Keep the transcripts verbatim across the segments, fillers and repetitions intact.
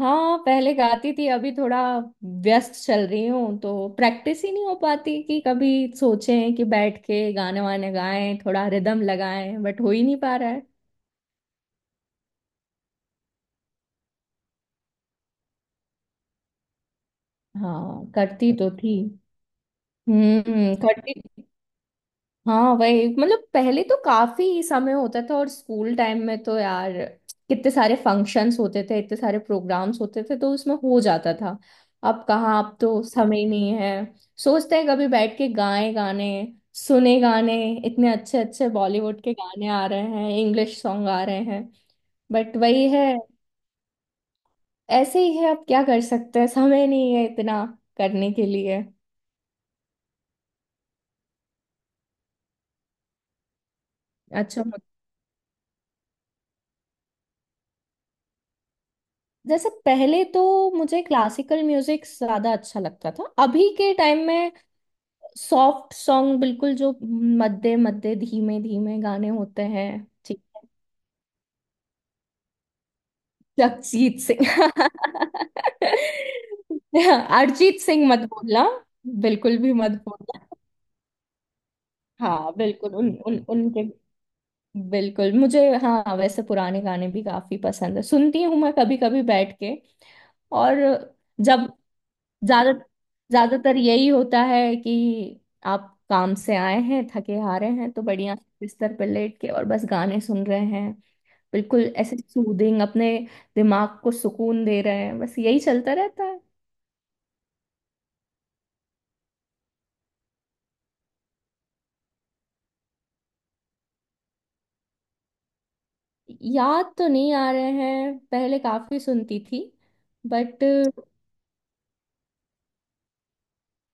हाँ, पहले गाती थी। अभी थोड़ा व्यस्त चल रही हूँ तो प्रैक्टिस ही नहीं हो पाती कि कभी सोचें कि बैठ के गाने वाने गाएं, थोड़ा रिदम लगाएं, बट हो ही नहीं पा रहा है। हाँ, करती तो थी। हम्म करती। हाँ, वही मतलब पहले तो काफी समय होता था, और स्कूल टाइम में तो यार कितने सारे फंक्शंस होते थे, इतने सारे प्रोग्राम्स होते थे, तो उसमें हो जाता था। अब कहाँ, अब तो समय ही नहीं है। सोचते हैं कभी बैठ के गाए गाने, सुने गाने। इतने अच्छे अच्छे बॉलीवुड के गाने आ रहे हैं, इंग्लिश सॉन्ग आ रहे हैं। बट वही है, ऐसे ही है। अब क्या कर सकते हैं, समय नहीं है इतना करने के लिए। अच्छा, जैसे पहले तो मुझे क्लासिकल म्यूजिक ज्यादा अच्छा लगता था। अभी के टाइम में सॉफ्ट सॉन्ग, बिल्कुल जो मध्य मध्य धीमे धीमे गाने होते हैं। ठीक है। जगजीत सिंह। अरिजीत सिंह मत बोलना, बिल्कुल भी मत बोलना। हाँ बिल्कुल उन उन उनके। बिल्कुल मुझे, हाँ, वैसे पुराने गाने भी काफी पसंद है, सुनती हूँ मैं कभी कभी बैठ के। और जब, ज्यादा ज्यादातर यही होता है कि आप काम से आए हैं, थके हारे हैं, तो बढ़िया से बिस्तर पर लेट के और बस गाने सुन रहे हैं, बिल्कुल ऐसे सूदिंग। अपने दिमाग को सुकून दे रहे हैं, बस यही चलता रहता है। याद तो नहीं आ रहे हैं, पहले काफी सुनती थी। बट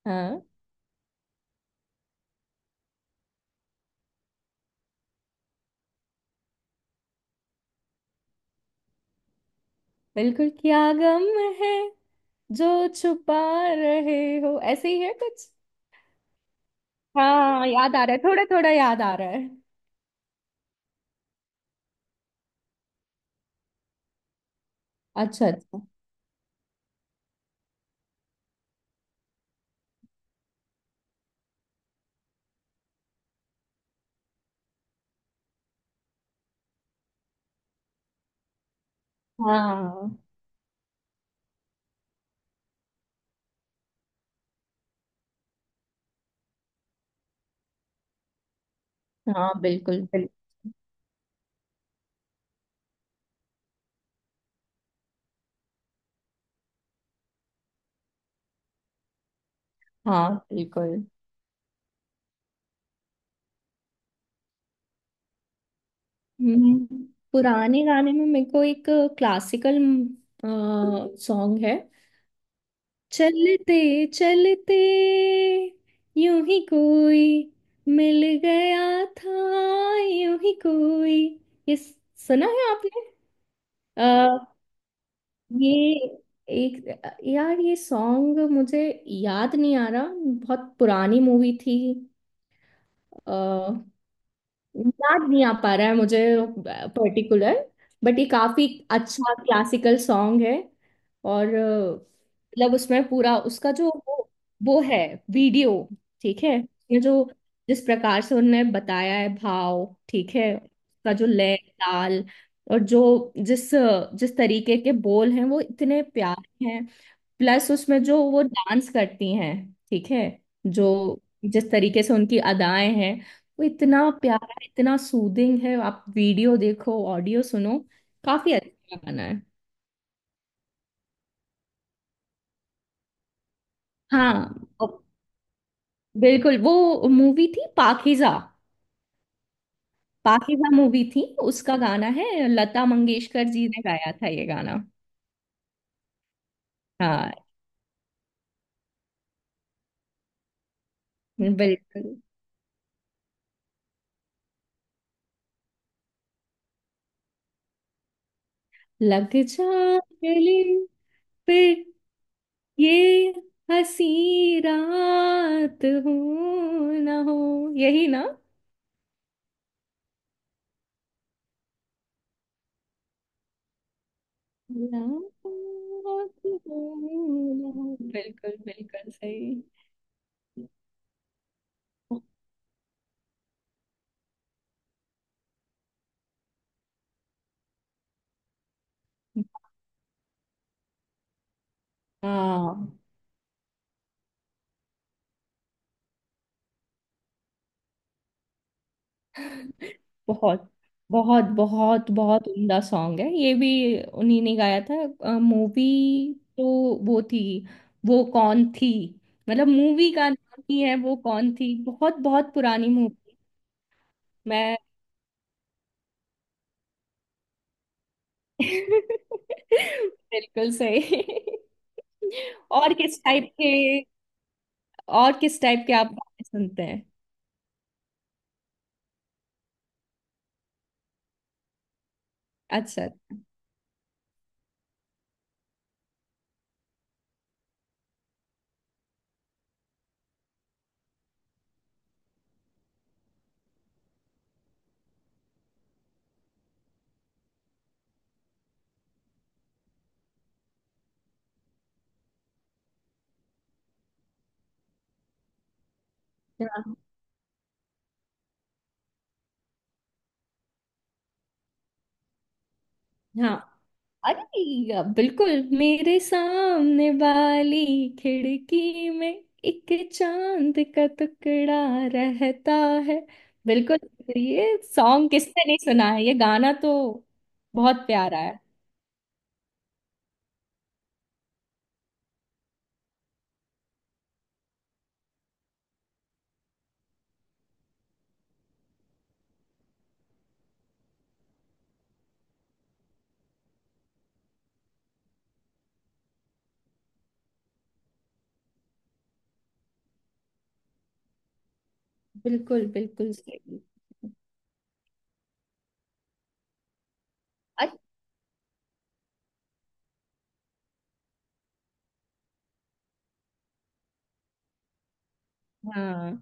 हाँ, बिल्कुल क्या गम है जो छुपा रहे हो, ऐसे ही है कुछ। हाँ याद आ रहा है, थोड़ा थोड़ा याद आ रहा है। अच्छा अच्छा। हाँ हाँ, बिल्कुल बिल्कुल। हाँ बिल्कुल। हम्म, पुराने गाने में मेरे को एक क्लासिकल सॉन्ग है, चलते चलते यूं ही कोई मिल गया था, यूं ही कोई। ये सुना है आपने? अ, ये एक, यार ये सॉन्ग मुझे याद नहीं आ रहा, बहुत पुरानी मूवी थी। याद नहीं आ पा रहा है मुझे पर्टिकुलर, बट ये काफी अच्छा क्लासिकल सॉन्ग है। और अ, मतलब उसमें पूरा उसका जो वो, वो है वीडियो। ठीक है। ये जो, जिस प्रकार से उन्होंने बताया है भाव, ठीक है, उसका जो लय ताल, और जो जिस जिस तरीके के बोल हैं वो इतने प्यारे हैं। प्लस उसमें जो वो डांस करती हैं, ठीक है, जो जिस तरीके से उनकी अदाएं हैं, वो इतना प्यारा, इतना सूदिंग है। आप वीडियो देखो, ऑडियो सुनो, काफी अच्छा गाना है। हाँ और- बिल्कुल वो मूवी थी पाकीज़ा। पाकीज़ा मूवी थी, उसका गाना है, लता मंगेशकर जी ने गाया था ये गाना। हाँ बिल्कुल, लग जा गले फिर ये हसी रात हो ना हो, यही ना? रात हो ना हो। बिल्कुल बिल्कुल सही। हाँ, बहुत बहुत बहुत बहुत उम्दा सॉन्ग है ये भी। उन्हीं ने गाया था। मूवी तो वो थी, वो कौन थी। मतलब मूवी का नाम ही है, वो कौन थी। बहुत बहुत पुरानी मूवी। मैं बिल्कुल सही। और किस टाइप के, और किस टाइप के आप गाने सुनते हैं? अच्छा। हाँ हाँ। अरे या- बिल्कुल मेरे सामने वाली खिड़की में एक चांद का टुकड़ा रहता है। बिल्कुल ये सॉन्ग, किसने नहीं सुना है ये गाना तो, बहुत प्यारा है। बिल्कुल बिल्कुल सही। अच्छा। हाँ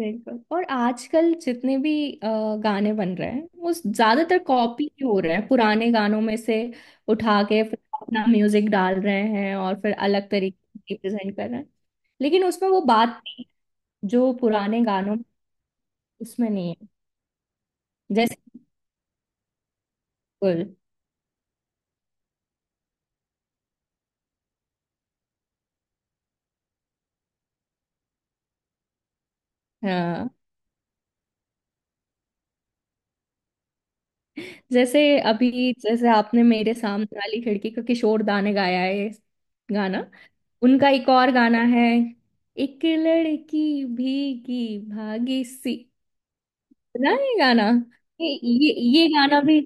बिल्कुल। और आजकल जितने भी अ, गाने बन रहे हैं वो ज्यादातर कॉपी ही हो रहे हैं, पुराने गानों में से उठा के फिर अपना म्यूजिक डाल रहे हैं और फिर अलग तरीके से प्रेजेंट कर रहे हैं। लेकिन उसमें वो बात नहीं है जो पुराने गानों में। उसमें नहीं है। जैसे, बिल्कुल, हाँ जैसे, अभी जैसे आपने, मेरे सामने वाली खिड़की का किशोर दा ने गाया है ये गाना। उनका एक और गाना है, एक लड़की भीगी भागी सी, सुना है गाना? ये ये ये गाना भी,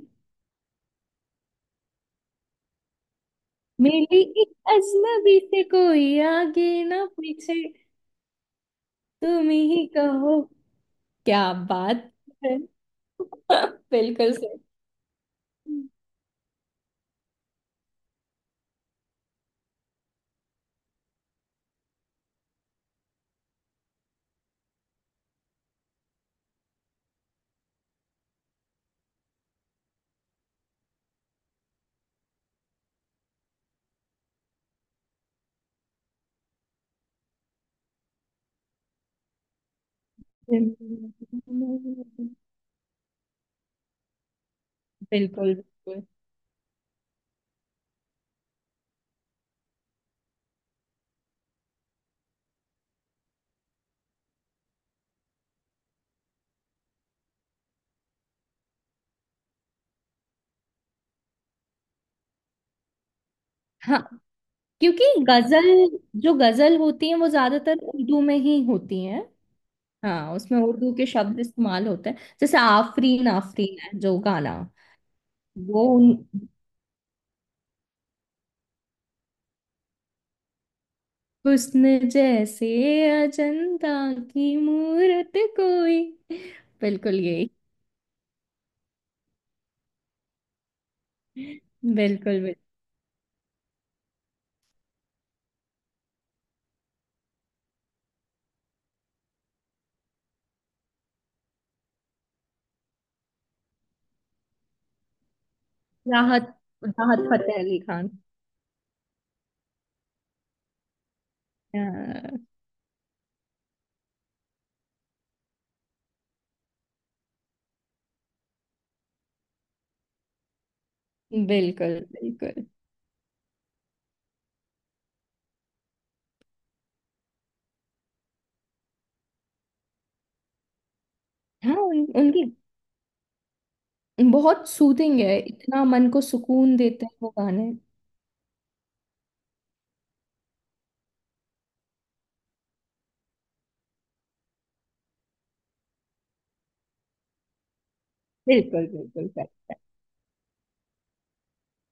मिली एक अजनबी से कोई आगे ना पीछे, तुम ही कहो क्या बात है। बिल्कुल सही। बिल्कुल बिल्कुल। हाँ, क्योंकि गजल, जो गजल होती है वो ज्यादातर उर्दू में ही होती है। हाँ, उसमें उर्दू के शब्द इस्तेमाल होते हैं, जैसे आफरीन आफरीन है जो गाना। वो उन- हुस्न जैसे अजंता की मूरत कोई। बिल्कुल यही। बिल्कुल बिल्कुल। राहत, राहत फतेह अली खान। हाँ, बिल्कुल बिल्कुल। हाँ, उन, उनकी बहुत सूदिंग है, इतना मन को सुकून देते हैं वो गाने। बिल्कुल बिल्कुल।